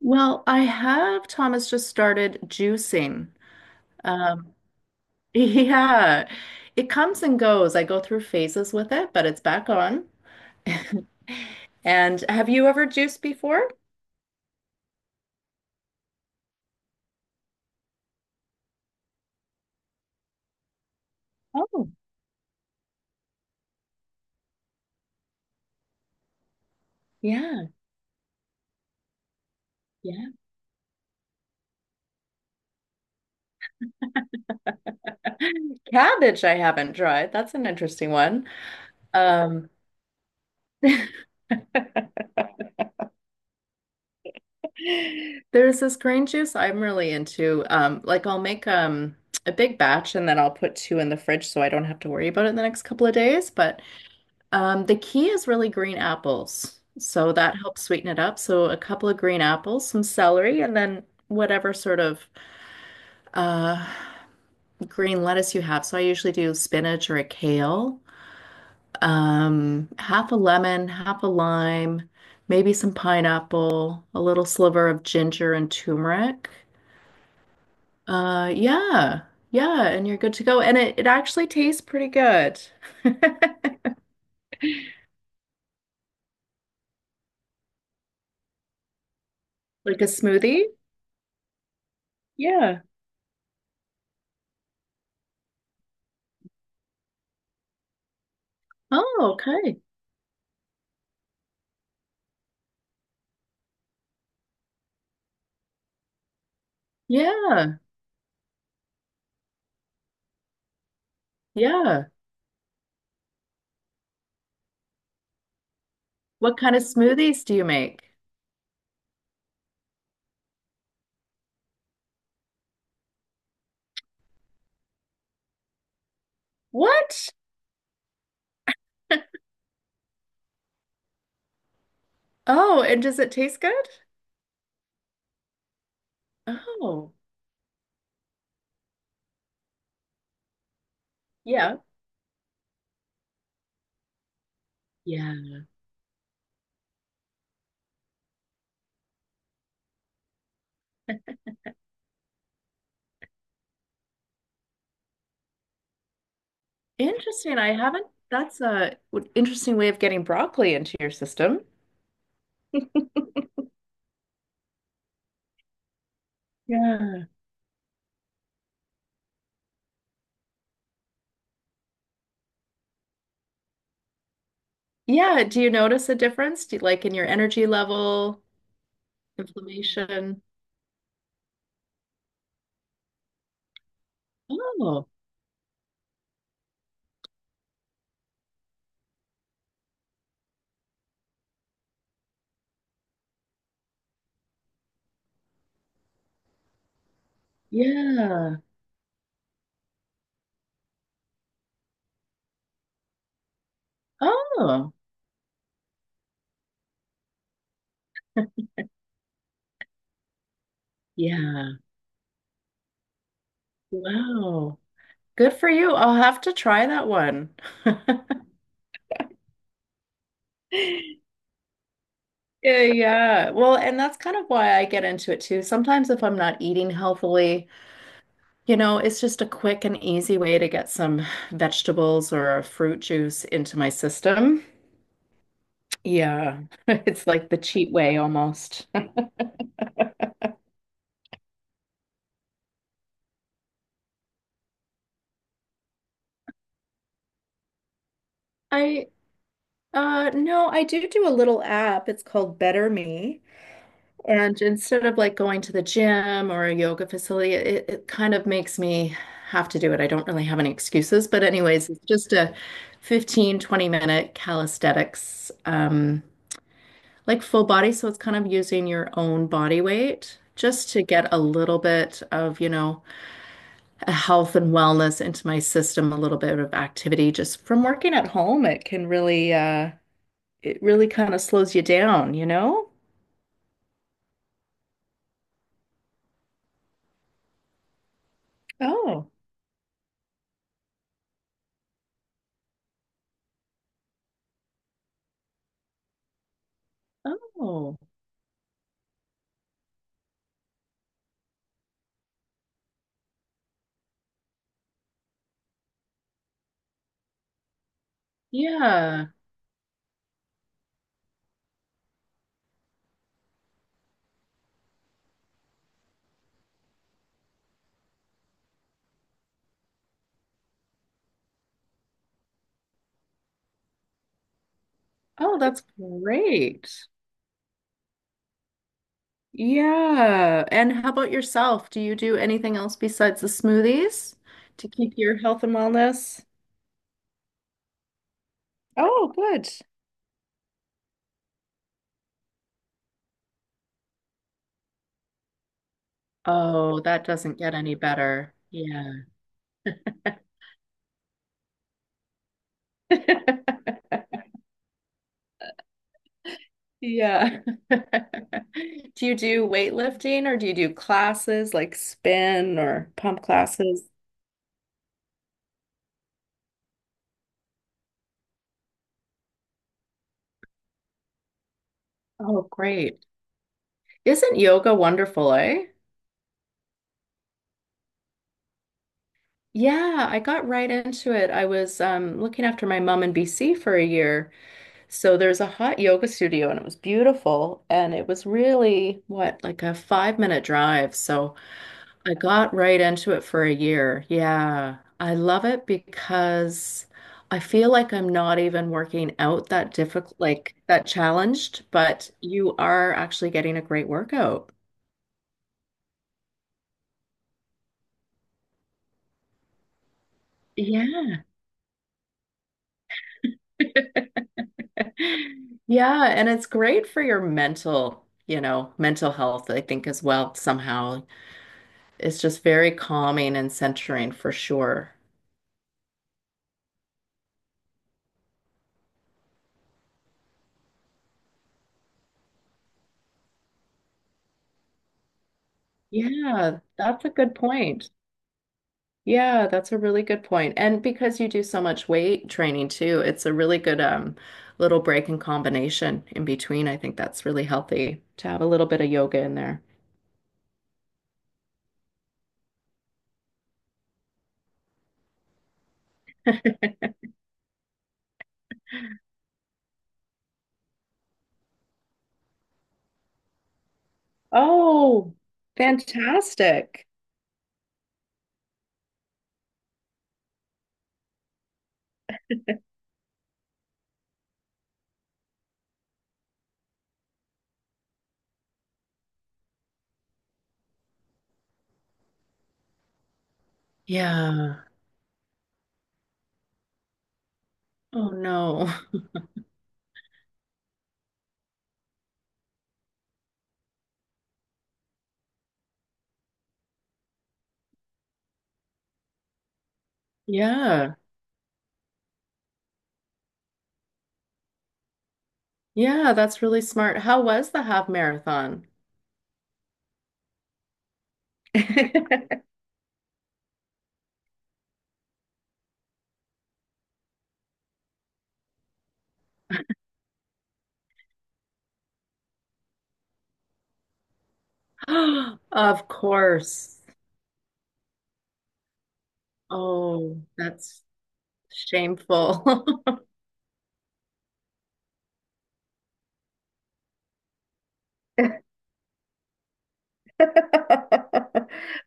Well, I have Thomas just started juicing. Um, yeah, it comes and goes. I go through phases with it, but it's back on. And have you ever juiced before? Oh, yeah, yeah. Cabbage, I haven't tried. That's an interesting one. Um, there's this green juice I'm really into. Like I'll make a big batch and then I'll put two in the fridge so I don't have to worry about it the next couple of days. But the key is really green apples. So that helps sweeten it up. So a couple of green apples, some celery, and then whatever sort of uh, green lettuce you have. So I usually do spinach or a kale, half a lemon, half a lime, maybe some pineapple, a little sliver of ginger and turmeric. Yeah, yeah, and you're good to go. And it actually tastes pretty good. Like a smoothie? Yeah. Oh, okay. Yeah. Yeah. What kind of smoothies do you make? What? Oh, and does it taste good? Oh, yeah. Yeah. Interesting. I haven't. That's a interesting way of getting broccoli into your system. Yeah. Yeah. Do you notice a difference? Do you, like in your energy level, inflammation? Oh, yeah. Oh, yeah. Wow. Good for you. I'll have to try that one. Yeah, yeah. Well, and that's kind of why I get into it too. Sometimes if I'm not eating healthily, you know, it's just a quick and easy way to get some vegetables or fruit juice into my system. Yeah. It's like the cheat way almost. I no, I do do a little app. It's called Better Me. And instead of like going to the gym or a yoga facility, it kind of makes me have to do it. I don't really have any excuses. But anyways, it's just a 15-20 minute calisthenics, like full body. So it's kind of using your own body weight just to get a little bit of, you know, health and wellness into my system, a little bit of activity just from working at home. It can really, it really kind of slows you down, you know? Oh, Oh, yeah. Oh, that's great. Yeah. And how about yourself? Do you do anything else besides the smoothies to keep your health and wellness? Oh, good. Oh, that doesn't get any better. Yeah. Yeah. Do you do weightlifting or do you do classes like spin or pump classes? Oh, great. Isn't yoga wonderful, eh? Yeah, I got right into it. I was looking after my mom in BC for a year. So there's a hot yoga studio and it was beautiful. And it was really, what, like a 5 minute drive. So I got right into it for a year. Yeah, I love it because I feel like I'm not even working out that difficult, like that challenged, but you are actually getting a great workout. Yeah. Yeah, and it's great for your mental, you know, mental health, I think, as well, somehow. It's just very calming and centering for sure. Yeah, that's a good point. Yeah, that's a really good point. And because you do so much weight training too, it's a really good little break and combination in between. I think that's really healthy to have a little bit of yoga in there. Oh, fantastic. Yeah. Oh, no. Yeah. Yeah, that's really smart. How was the half marathon? Of course. Oh, that's shameful.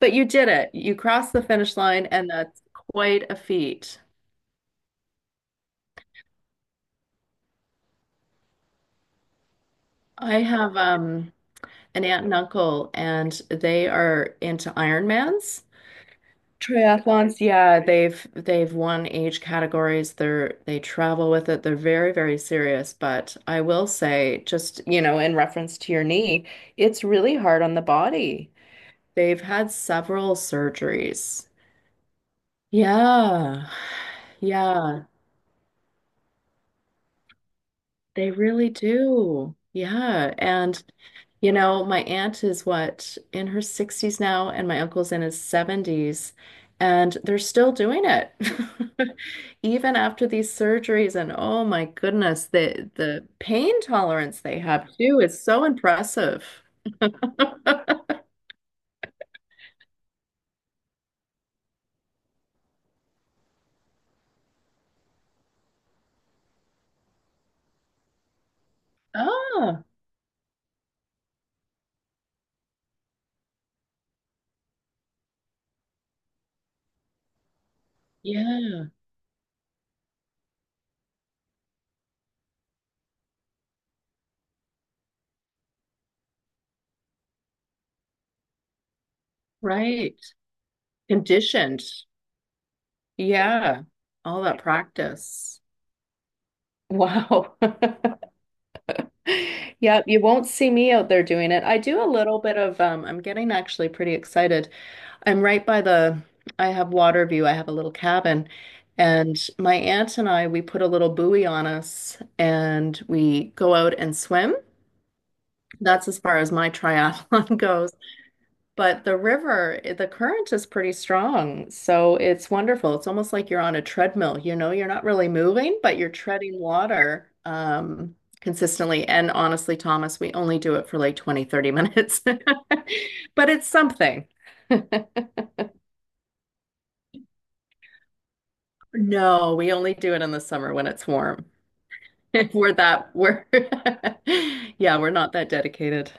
But you did it. You crossed the finish line, and that's quite a feat. I have an aunt and uncle, and they are into Ironmans. Triathlons, yeah, they've won age categories. They travel with it. They're very, very serious. But I will say, just, you know, in reference to your knee, it's really hard on the body. They've had several surgeries. Yeah. Yeah. They really do. Yeah. And, you know, my aunt is what, in her 60s now, and my uncle's in his 70s, and they're still doing it. Even after these surgeries, and oh my goodness, the pain tolerance they have too is so impressive. Ah, yeah, right. Conditioned. Yeah. All that practice. Wow. Yep, you won't see me out there doing it. I do a little bit of I'm getting actually pretty excited. I'm right by the. I have water view. I have a little cabin and my aunt and I we put a little buoy on us and we go out and swim. That's as far as my triathlon goes. But the river, the current is pretty strong, so it's wonderful. It's almost like you're on a treadmill, you know, you're not really moving, but you're treading water consistently. And honestly, Thomas, we only do it for like 20, 30 minutes, but it's something. No, we only do it in the summer when it's warm. We're that, we're, yeah, we're not that dedicated.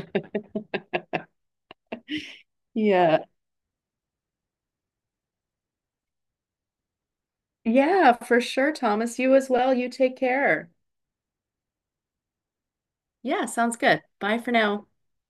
Yeah. Yeah, for sure, Thomas. You as well. You take care. Yeah, sounds good. Bye for now.